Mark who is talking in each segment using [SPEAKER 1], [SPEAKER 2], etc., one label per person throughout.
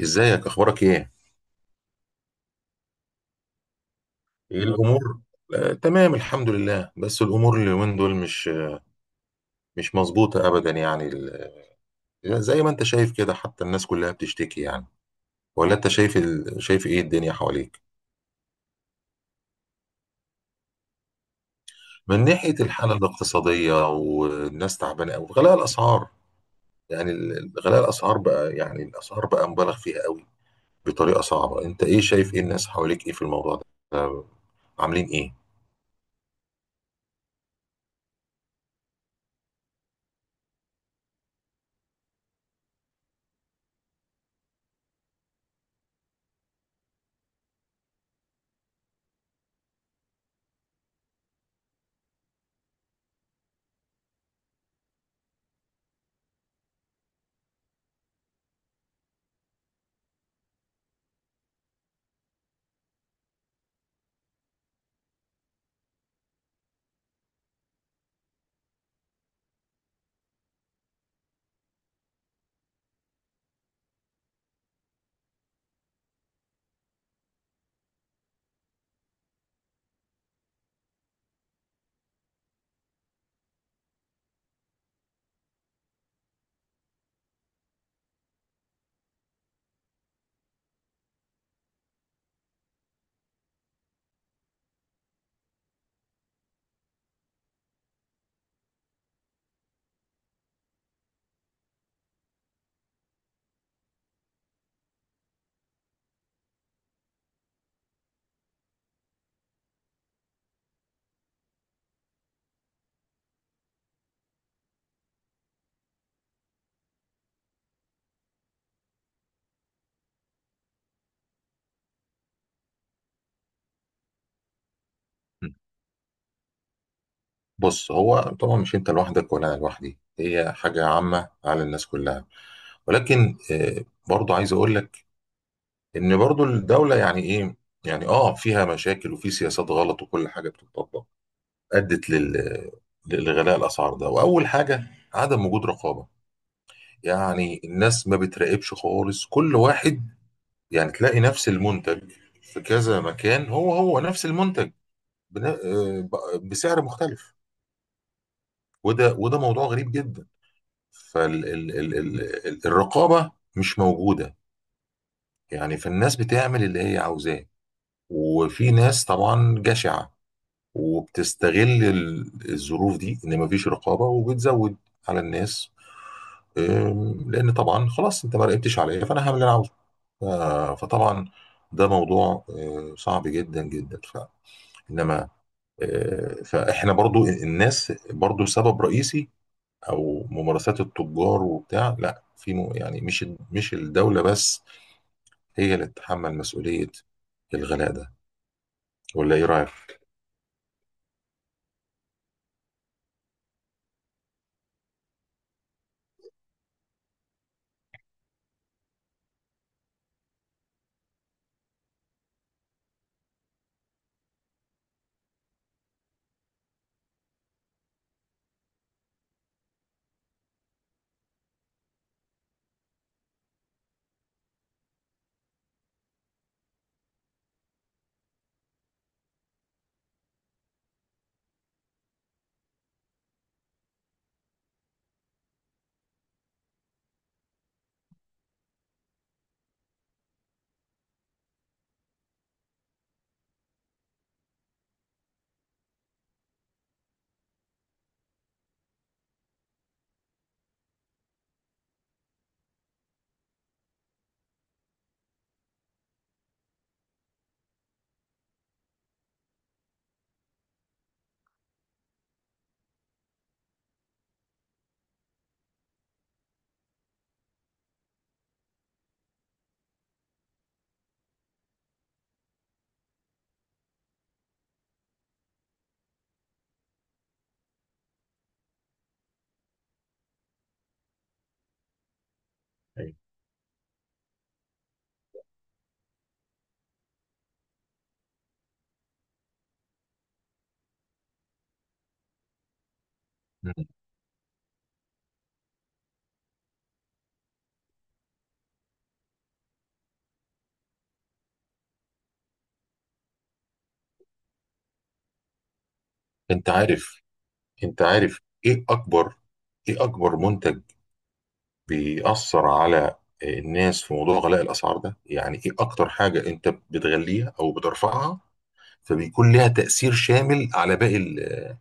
[SPEAKER 1] ازيك، اخبارك ايه؟ ايه الامور؟ تمام الحمد لله، بس الامور اليومين دول مش مظبوطه ابدا. يعني زي ما انت شايف كده، حتى الناس كلها بتشتكي يعني. ولا انت شايف شايف ايه الدنيا حواليك؟ من ناحيه الحاله الاقتصاديه، والناس تعبانه قوي، غلاء الاسعار. غلاء الاسعار بقى، يعني الاسعار بقى مبالغ فيها قوي، بطريقه صعبه. انت ايه شايف، ايه الناس حواليك، ايه في الموضوع ده؟ آه، عاملين ايه؟ بص، هو طبعا مش انت لوحدك ولا انا لوحدي، هي حاجه عامه على الناس كلها. ولكن برضو عايز اقول لك ان برضو الدوله يعني ايه، يعني فيها مشاكل وفي سياسات غلط، وكل حاجه بتطبق ادت لغلاء الاسعار ده. واول حاجه عدم وجود رقابه، يعني الناس ما بتراقبش خالص، كل واحد يعني تلاقي نفس المنتج في كذا مكان، هو هو نفس المنتج، بن- آه، بسعر مختلف. وده موضوع غريب جدا. فالرقابة مش موجودة، يعني فالناس بتعمل اللي هي عاوزاه. وفي ناس طبعا جشعة، وبتستغل الظروف دي، ان مفيش رقابة، وبتزود على الناس. لان طبعا خلاص انت ما راقبتش عليا، فانا هعمل اللي انا عاوزه. فطبعا ده موضوع صعب جدا جدا. انما فاحنا برضو، الناس برضو سبب رئيسي، او ممارسات التجار وبتاع، لا في يعني مش الدوله بس هي اللي تتحمل مسؤوليه الغلاء ده. ولا ايه رايك؟ أيوة. مم. انت عارف انت عارف ايه اكبر، ايه اكبر منتج بيأثر على الناس في موضوع غلاء الاسعار ده؟ يعني ايه اكتر حاجة انت بتغليها او بترفعها فبيكون لها تأثير شامل على باقي ال-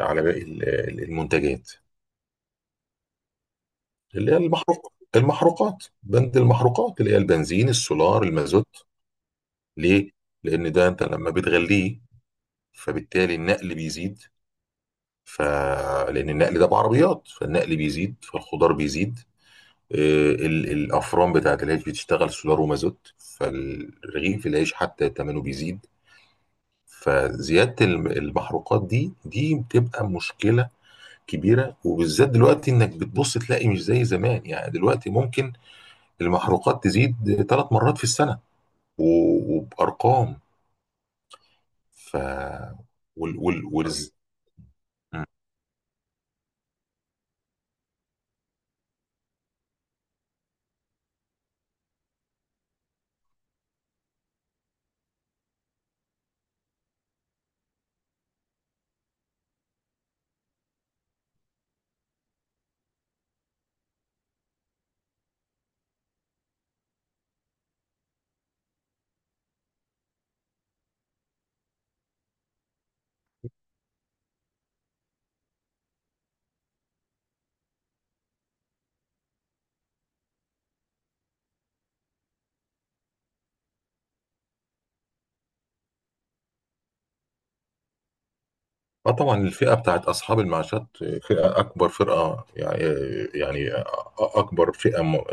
[SPEAKER 1] على باقي المنتجات؟ اللي هي المحروقات، بند المحروقات اللي هي البنزين، السولار، المازوت. ليه؟ لأن ده أنت لما بتغليه فبالتالي النقل بيزيد. ف لأن النقل ده بعربيات، فالنقل بيزيد، فالخضار بيزيد. آه، الأفران بتاعت العيش بتشتغل سولار ومازوت، فالرغيف العيش حتى ثمنه بيزيد. فزيادة المحروقات دي بتبقى مشكلة كبيرة، وبالذات دلوقتي إنك بتبص تلاقي مش زي زمان. يعني دلوقتي ممكن المحروقات تزيد ثلاث مرات في السنة، وبأرقام. ف وال... وال... وال... طيب، طبعا الفئة بتاعت أصحاب المعاشات فئة أكبر فرقة، يعني يعني أكبر فئة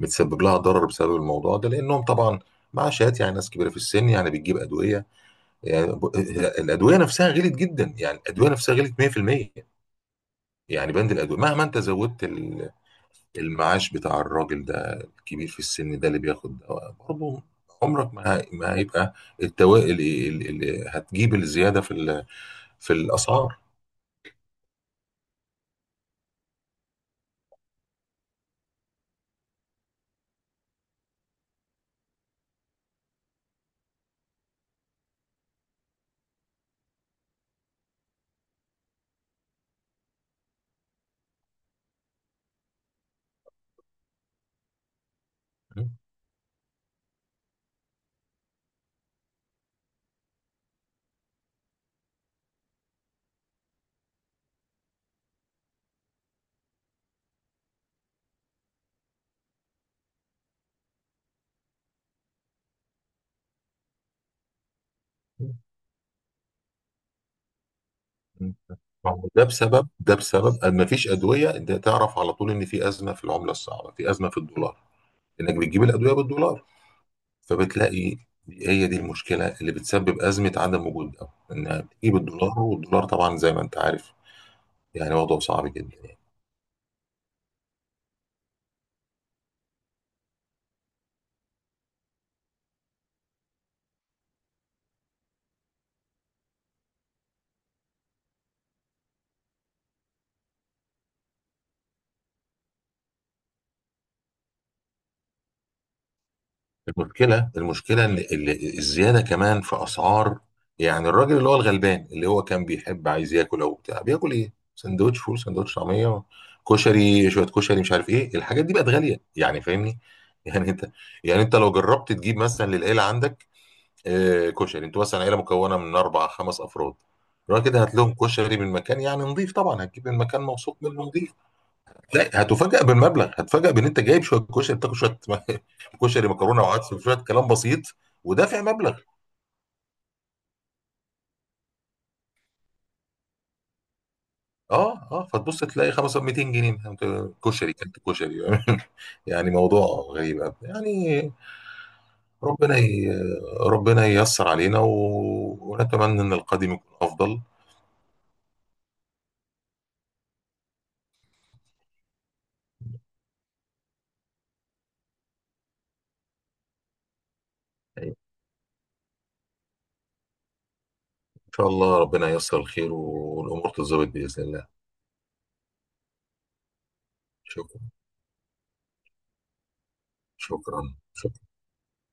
[SPEAKER 1] متسبب لها ضرر بسبب الموضوع ده، لأنهم طبعا معاشات، يعني ناس كبيرة في السن يعني بتجيب أدوية. يعني ب- الأدوية نفسها غلت جدا، يعني الأدوية نفسها غلت 100%. يعني بند الأدوية مهما أنت زودت المعاش بتاع الراجل ده الكبير في السن ده اللي بياخد ده، برضه عمرك ما هيبقى التوائل اللي هتجيب الزياده في في الاسعار. م- م- م. ما هو ده بسبب أن ما فيش ادويه. ده تعرف على طول ان في ازمه في العمله الصعبه، في ازمه في الدولار، انك بتجيب الادويه بالدولار. فبتلاقي هي دي المشكله اللي بتسبب ازمه عدم وجود، ده انها بتجيب الدولار، والدولار طبعا زي ما انت عارف يعني وضعه صعب جدا. المشكلة ان الزيادة كمان في اسعار، يعني الراجل اللي هو الغلبان اللي هو كان بيحب، عايز ياكل او بتاع، بياكل ايه؟ سندوتش فول، سندوتش طعمية، كشري، شوية كشري، مش عارف ايه. الحاجات دي بقت غالية يعني، فاهمني؟ يعني انت يعني انت لو جربت تجيب مثلا للعيلة عندك كشري. انتوا مثلا عيلة مكونة من اربع خمس افراد، الراجل كده هات لهم كشري من مكان يعني نظيف، طبعا هتجيب من مكان موثوق منه نظيف. لا، هتفاجأ بالمبلغ، هتفاجأ بان انت جايب شويه كشري، بتاكل شويه كشري، مكرونه وعدس وشويه كلام بسيط، ودافع مبلغ. اه، اه، فتبص تلاقي 500، 200 جنيه أنت كشري، كانت كشري يعني موضوع غريب أوي. يعني ربنا ي... ربنا ييسر علينا ونتمنى ان القادم يكون افضل. ان شاء الله ربنا ييسر الخير، والامور تتظبط باذن الله. شكرا، شكرا.